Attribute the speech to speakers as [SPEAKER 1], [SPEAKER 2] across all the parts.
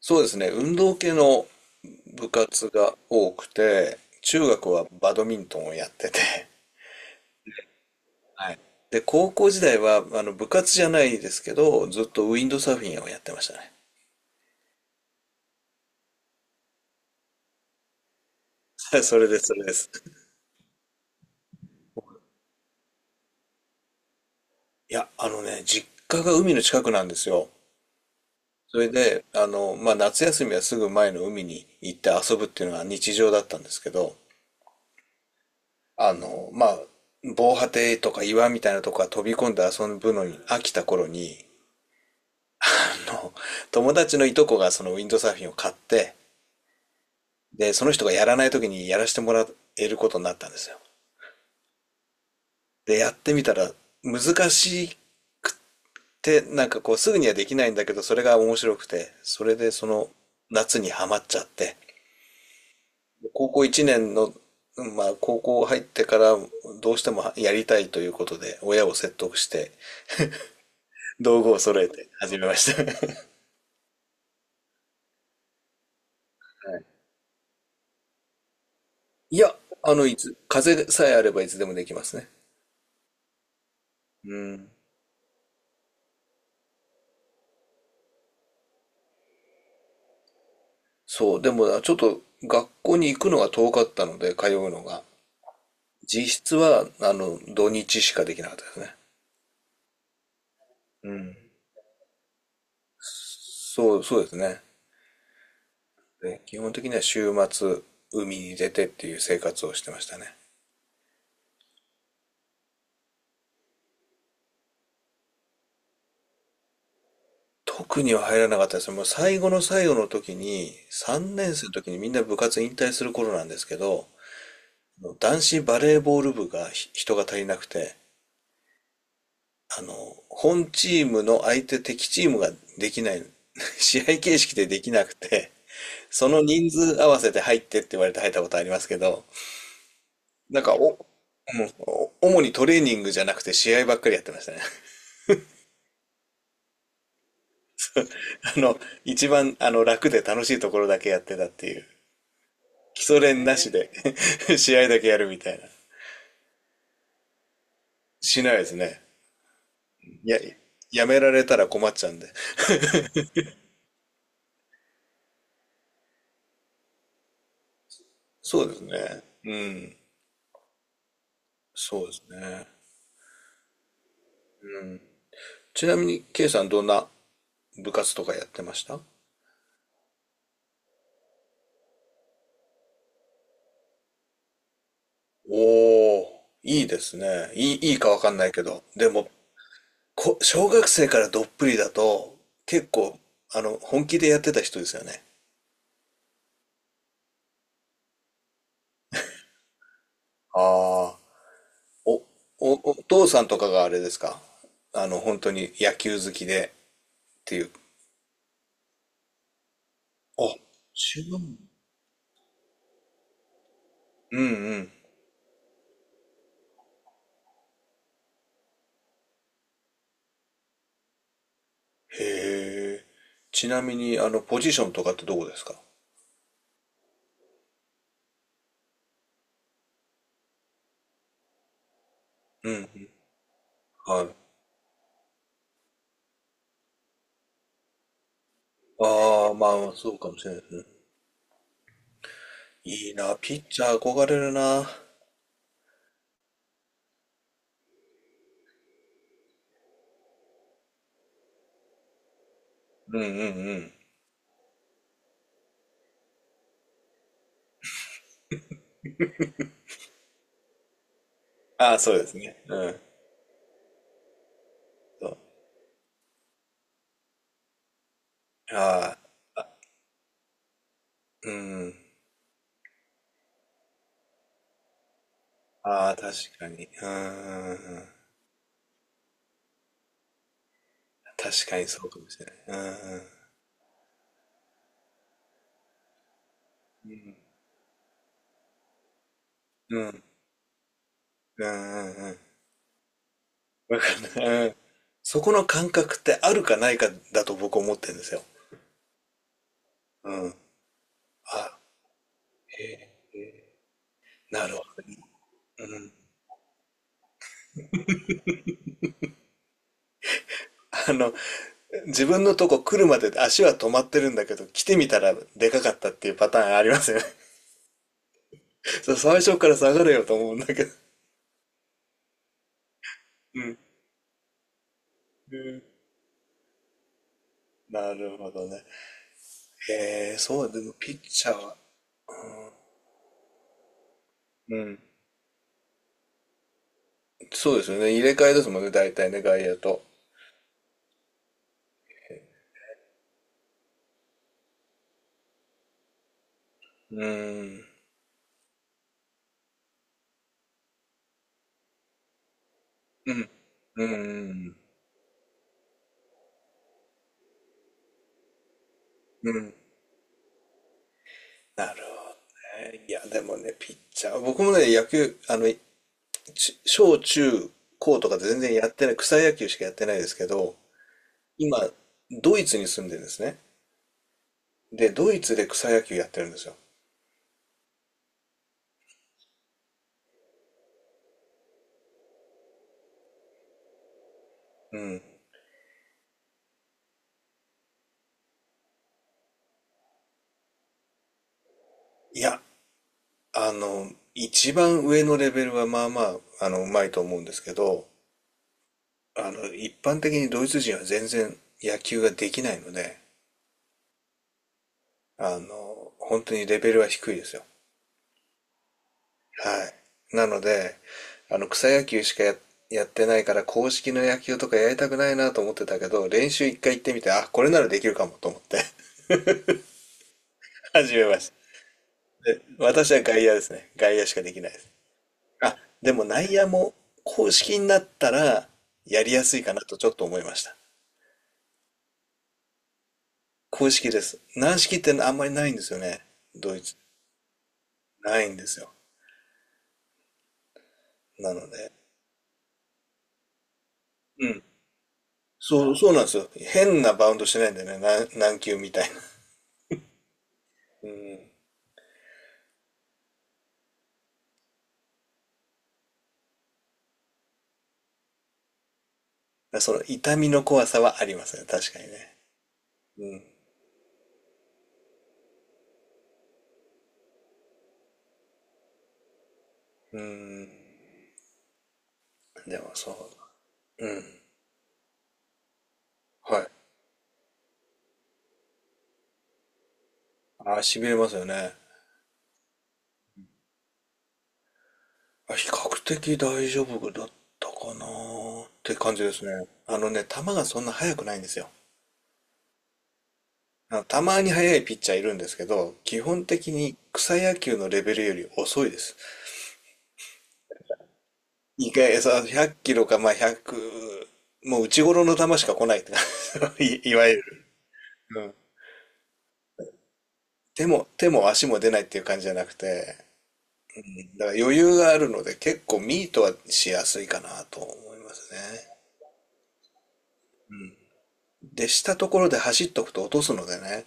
[SPEAKER 1] そうですね。運動系の部活が多くて、中学はバドミントンをやってて、はい。で、高校時代は、部活じゃないですけど、ずっとウィンドサーフィンをやってましたね。それです、それです。いや、あのね、実家が海の近くなんですよ。それで、夏休みはすぐ前の海に行って遊ぶっていうのが日常だったんですけど、あの、まあ、防波堤とか岩みたいなとこから飛び込んで遊ぶのに飽きた頃に、あの、友達のいとこがそのウィンドサーフィンを買って、で、その人がやらない時にやらせてもらえることになったんですよ。で、やってみたら難しいって、なんかこうすぐにはできないんだけど、それが面白くて、それでその夏にはまっちゃって、高校1年の、まあ高校入ってからどうしてもやりたいということで、親を説得して、道具を揃えて始めました。はい、いや、風さえあればいつでもできますね。うん。そう、でもなちょっと学校に行くのが遠かったので、通うのが。実質は、土日しかできなかったですね。うん。そう、そうですね。で、基本的には週末、海に出てっていう生活をしてましたね。特には入らなかったですね。もう最後の最後の時に、3年生の時にみんな部活引退する頃なんですけど、あの男子バレーボール部が人が足りなくて、あの、本チームの相手敵チームができない、試合形式でできなくて、その人数合わせて入ってって言われて入ったことありますけど、なんかお、お主にトレーニングじゃなくて試合ばっかりやってましたね。あの、一番楽で楽しいところだけやってたっていう。基礎練なしで 試合だけやるみたいな。しないですね。いや、やめられたら困っちゃうんで。そうですね。うん。そうですね。ちなみに、K さんどんな部活とかやってました？おー、いいですね。いい、いいかわかんないけど。でも、小学生からどっぷりだと、結構、本気でやってた人ですよね。ああ、お、お父さんとかがあれですか？あの、本当に野球好きでっていう。あ、違う。うんうん。へえ。ちなみに、あの、ポジションとかってどこですか？うん、はい。ああ、まあ、そうかもしれないですね。いいな、ピッチャー憧れるな。うんうんうん。ああ、そうですね。うん。そう。ああ、うん。ああ、確かに。うんうんうん、確かにそうかもしれない。うんうん。うんうんうんうん。わかんない。うん。そこの感覚ってあるかないかだと僕思ってるんですよ。うん。あ、なるほどね。あの、自分のとこ来るまで足は止まってるんだけど、来てみたらでかかったっていうパターンありますよね。そう、最初から下がれよと思うんだけど。うん。うん、なるほどね。へえ、そう、でもピッチャーは。うん。そうですよね。入れ替えですもんね、大体ね、外野と。うーん。うん。うん。うん。なるほどね。いや、でもね、ピッチャー。僕もね、野球、あの、小中高とかで全然やってない、草野球しかやってないですけど、今、ドイツに住んでるんですね。で、ドイツで草野球やってるんですよ。うん。いや、一番上のレベルはまあまあ、うまいと思うんですけど、一般的にドイツ人は全然野球ができないので、本当にレベルは低いですよ。はい。なので、あの、草野球しかや、やってないから、公式の野球とかやりたくないなと思ってたけど、練習一回行ってみて、あ、これならできるかもと思って 始めました。で、私は外野ですね。外野しかできないです。あ、でも内野も公式になったら、やりやすいかなとちょっと思いました。公式です。軟式ってあんまりないんですよね。ドイツ。ないんですよ。なので。うん。そう、そうなんですよ。変なバウンドしないんだよね。軟軟球みたいな。うん。その痛みの怖さはありますね。確かにね。うん。うん。でもそう。うん。はい。ああ、痺れますよね。あ、比較的大丈夫だったかなーって感じですね。あのね、球がそんな速くないんですよ。あのたまに速いピッチャーいるんですけど、基本的に草野球のレベルより遅いです。意外、さ、100キロか、まあ、100、もう内頃の球しか来ないって感じ いわゆる。うん。手も、手も足も出ないっていう感じじゃなくて、だから余裕があるので結構ミートはしやすいかなと思いますね。で、したところで走っとくと落とすのでね、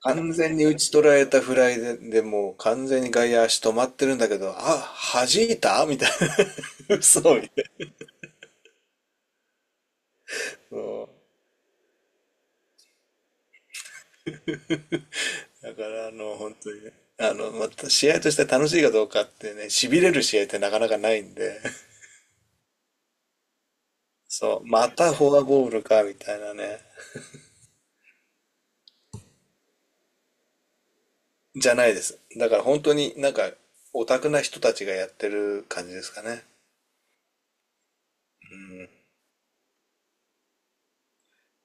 [SPEAKER 1] 完全に打ち取られたフライで、でもう完全に外野足止まってるんだけど、あ、弾いたみたいな。嘘みたいな。だからあの、本当にね。また試合として楽しいかどうかってね、痺れる試合ってなかなかないんで、そう、またフォアボールか、みたいなね、じゃないです。だから本当になんか、オタクな人たちがやってる感じですかね。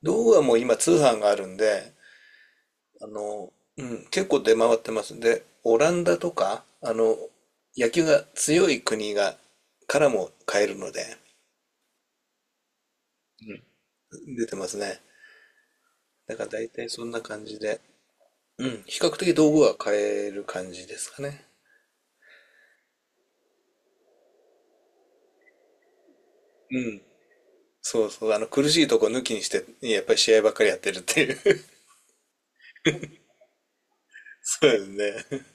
[SPEAKER 1] 道具はもう今通販があるんで、結構出回ってます。で、オランダとか、あの、野球が強い国が、からも買えるので、出てますね。だから大体そんな感じで、うん、比較的道具は買える感じですかね。うん。そうそう、苦しいとこ抜きにして、やっぱり試合ばっかりやってるっていう そうですね。